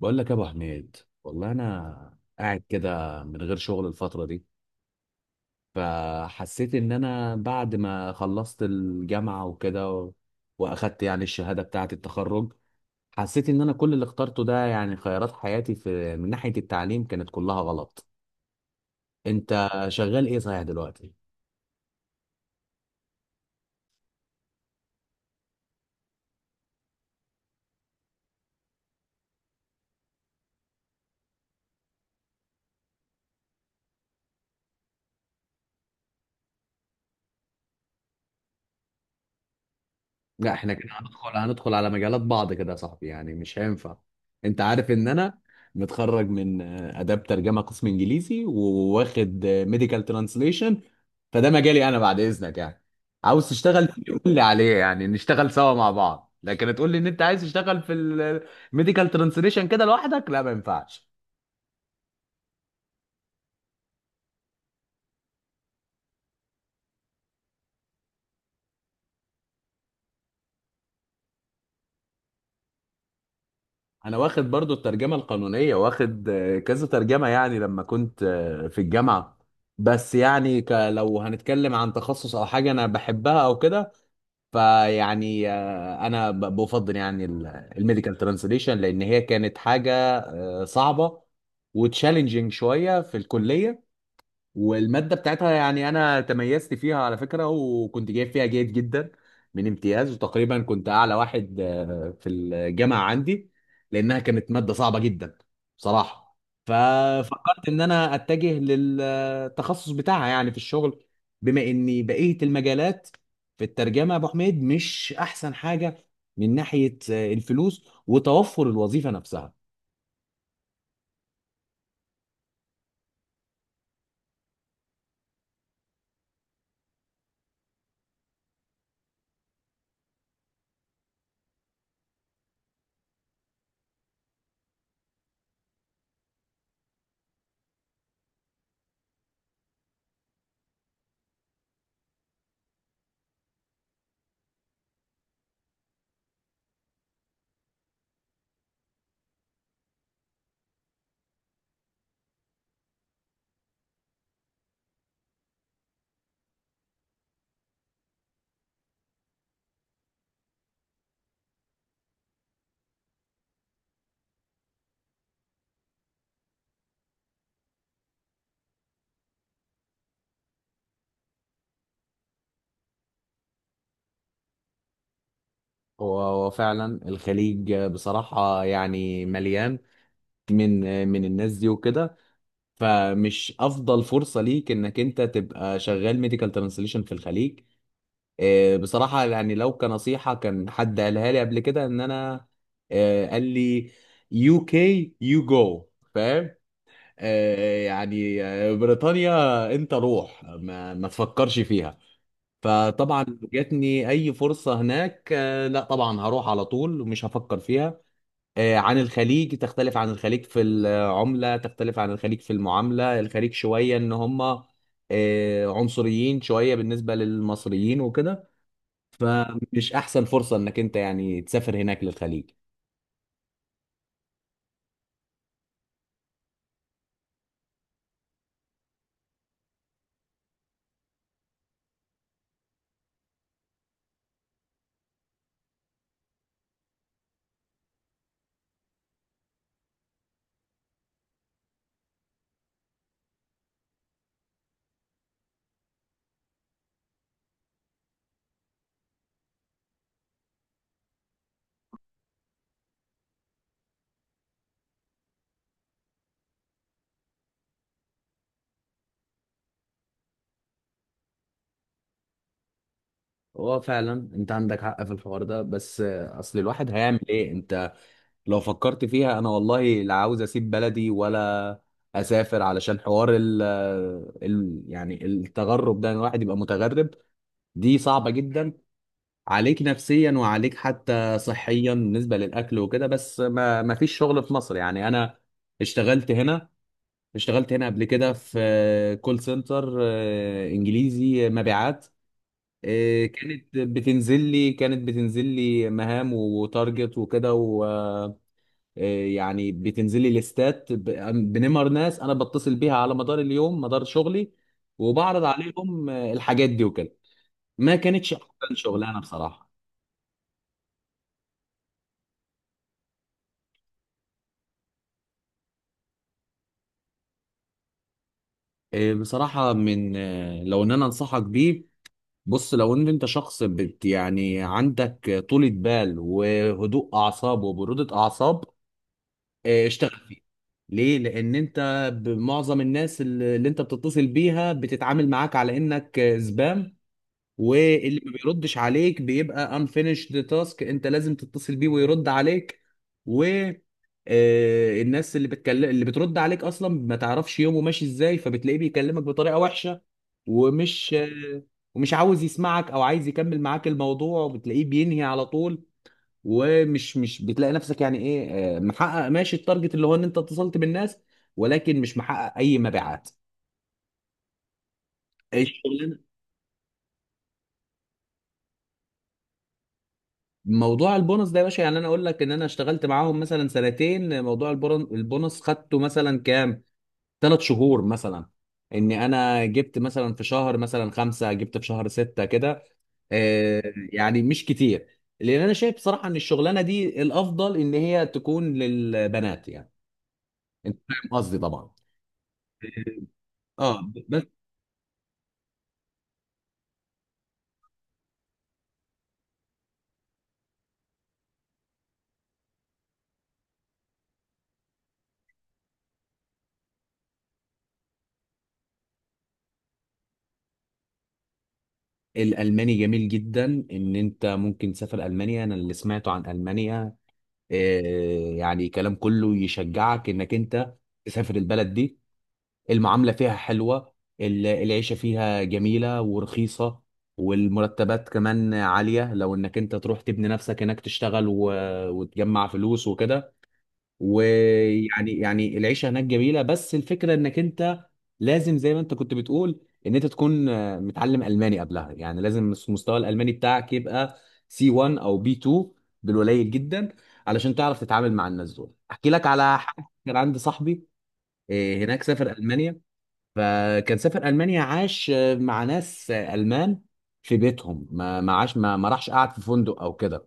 بقول لك يا ابو حميد. والله انا قاعد كده من غير شغل الفتره دي. فحسيت ان انا بعد ما خلصت الجامعه وكده واخدت يعني الشهاده بتاعه التخرج. حسيت ان انا كل اللي اخترته ده يعني خيارات حياتي في من ناحيه التعليم كانت كلها غلط. انت شغال ايه صحيح دلوقتي؟ لا احنا كده هندخل على مجالات بعض كده يا صاحبي، يعني مش هينفع. انت عارف ان انا متخرج من اداب ترجمه قسم انجليزي وواخد ميديكال ترانسليشن. فده مجالي انا بعد اذنك يعني. عاوز تشتغل فيه قول لي عليه يعني نشتغل سوا مع بعض، لكن تقول لي ان انت عايز تشتغل في الميديكال ترانسليشن كده لوحدك لا ما ينفعش. انا واخد برضو الترجمه القانونيه، واخد كذا ترجمه يعني لما كنت في الجامعه. بس يعني لو هنتكلم عن تخصص او حاجه انا بحبها او كده، فيعني انا بفضل يعني الميديكال ترانسليشن لان هي كانت حاجه صعبه وتشالنجينج شويه في الكليه. والمادة بتاعتها يعني أنا تميزت فيها على فكرة، وكنت جايب فيها جيد جدا من امتياز، وتقريبا كنت أعلى واحد في الجامعة عندي، لأنها كانت مادة صعبة جدا بصراحة. ففكرت إن أنا أتجه للتخصص بتاعها يعني في الشغل، بما إني بقية المجالات في الترجمة يا أبو حميد مش أحسن حاجة من ناحية الفلوس وتوفر الوظيفة نفسها. هو هو فعلا الخليج بصراحة يعني مليان من الناس دي وكده. فمش افضل فرصه ليك انك انت تبقى شغال ميديكال ترانسليشن في الخليج. بصراحه يعني لو كنصيحه كان حد قالها لي قبل كده ان انا، قال لي يو كي يو جو، فاهم؟ بريطانيا. انت روح ما تفكرش فيها. فطبعا جاتني اي فرصه هناك لا طبعا هروح على طول ومش هفكر فيها. عن الخليج، تختلف عن الخليج في العملة، تختلف عن الخليج في المعاملة. الخليج شوية ان هم عنصريين شوية بالنسبة للمصريين وكده. فمش احسن فرصة انك انت يعني تسافر هناك للخليج. هو فعلا انت عندك حق في الحوار ده، بس اصل الواحد هيعمل ايه؟ انت لو فكرت فيها انا والله لا عاوز اسيب بلدي، ولا اسافر علشان حوار ال يعني التغرب ده، إن الواحد يبقى متغرب دي صعبة جدا عليك نفسيا وعليك حتى صحيا بالنسبة للأكل وكده. بس ما فيش شغل في مصر يعني. أنا اشتغلت هنا، اشتغلت هنا قبل كده في كول سنتر إنجليزي، مبيعات. كانت بتنزل لي مهام وتارجت وكده. ويعني بتنزل لي ليستات بنمر ناس أنا بتصل بيها على مدار اليوم مدار شغلي، وبعرض عليهم الحاجات دي وكده. ما كانتش أحسن شغلانة بصراحة. بصراحة من لو ان انا انصحك بيه، بص لو ان انت شخص بت يعني عندك طولة بال وهدوء اعصاب وبرودة اعصاب اشتغل فيه. ليه؟ لان انت معظم الناس اللي انت بتتصل بيها بتتعامل معاك على انك زبام. واللي ما بيردش عليك بيبقى unfinished task، انت لازم تتصل بيه ويرد عليك. و الناس اللي بتكلم اللي بترد عليك اصلا ما تعرفش يومه ماشي ازاي، فبتلاقيه بيكلمك بطريقة وحشة ومش آه، ومش عاوز يسمعك او عايز يكمل معاك الموضوع وبتلاقيه بينهي على طول. ومش مش بتلاقي نفسك يعني ايه محقق ماشي التارجت اللي هو ان انت اتصلت بالناس، ولكن مش محقق اي مبيعات. الشغلانه موضوع البونص ده يا باشا، يعني انا اقول لك ان انا اشتغلت معاهم مثلا سنتين، موضوع البونص خدته مثلا كام؟ ثلاث شهور مثلا. اني انا جبت مثلا في شهر مثلا خمسة، جبت في شهر ستة كده. آه، يعني مش كتير. لان انا شايف بصراحة ان الشغلانة دي الافضل ان هي تكون للبنات يعني. انت فاهم قصدي طبعا. اه بس الالماني جميل جدا. ان انت ممكن تسافر المانيا. انا اللي سمعته عن المانيا يعني كلام كله يشجعك انك انت تسافر البلد دي. المعامله فيها حلوه. العيشه فيها جميله ورخيصه. والمرتبات كمان عاليه لو انك انت تروح تبني نفسك هناك، تشتغل وتجمع فلوس وكده. يعني العيشه هناك جميله، بس الفكره انك انت لازم زي ما انت كنت بتقول ان انت تكون متعلم الماني قبلها، يعني لازم مستوى الالماني بتاعك يبقى سي 1 او بي 2 بالقليل جدا علشان تعرف تتعامل مع الناس دول. احكي لك على حاجه: كان عندي صاحبي هناك، سافر المانيا. فكان سافر المانيا، عاش مع ناس المان في بيتهم، ما عاش ما راحش قعد في فندق او كده.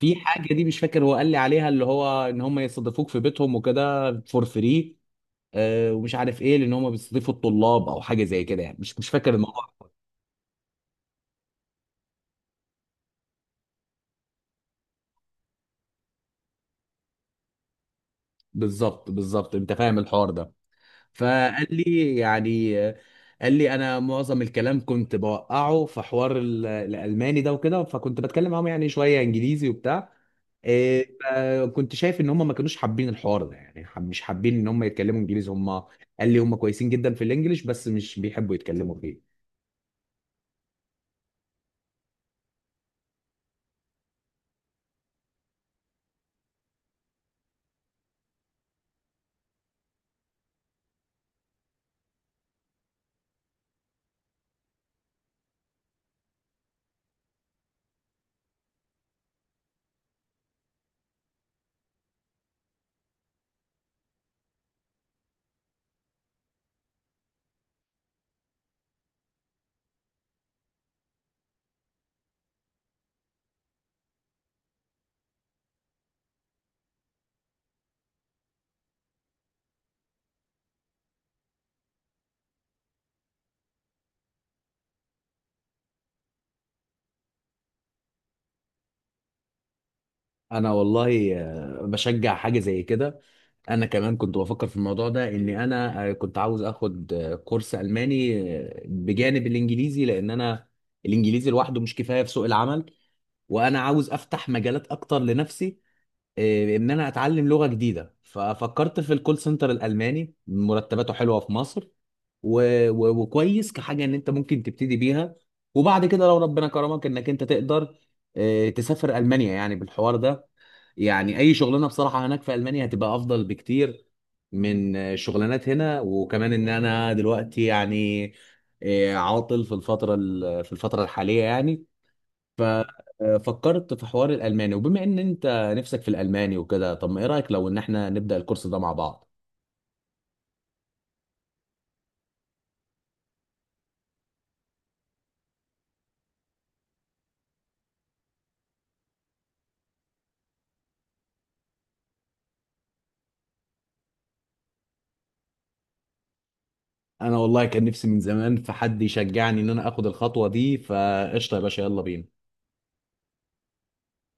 في حاجه دي مش فاكر هو قال لي عليها، اللي هو ان هم يستضيفوك في بيتهم وكده فور فري، ومش عارف ايه، لان هم بيستضيفوا الطلاب او حاجه زي كده يعني. مش فاكر الموضوع بالظبط بالظبط. انت فاهم الحوار ده. فقال لي يعني قال لي انا معظم الكلام كنت بوقعه في حوار الالماني ده وكده، فكنت بتكلم معاهم يعني شويه انجليزي وبتاع إيه، فكنت شايف ان هم ما كانوش حابين الحوار ده، يعني مش حابين ان هم يتكلموا انجليزي هم. قال لي هم كويسين جدا في الانجليش بس مش بيحبوا يتكلموا فيه. انا والله بشجع حاجه زي كده. انا كمان كنت بفكر في الموضوع ده ان انا كنت عاوز اخد كورس الماني بجانب الانجليزي، لان انا الانجليزي لوحده مش كفايه في سوق العمل، وانا عاوز افتح مجالات اكتر لنفسي ان انا اتعلم لغه جديده. ففكرت في الكول سنتر الالماني، مرتباته حلوه في مصر، و... وكويس كحاجه ان انت ممكن تبتدي بيها، وبعد كده لو ربنا كرمك انك انت تقدر تسافر المانيا يعني بالحوار ده. يعني اي شغلانه بصراحه هناك في المانيا هتبقى افضل بكتير من شغلانات هنا. وكمان ان انا دلوقتي يعني عاطل في في الفتره الحاليه يعني. ففكرت في حوار الالماني، وبما ان انت نفسك في الالماني وكده، طب ما ايه رايك لو ان احنا نبدا الكورس ده مع بعض؟ انا والله كان نفسي من زمان في حد يشجعني ان انا اخد الخطوه دي، فقشطه يا باشا يلا بينا.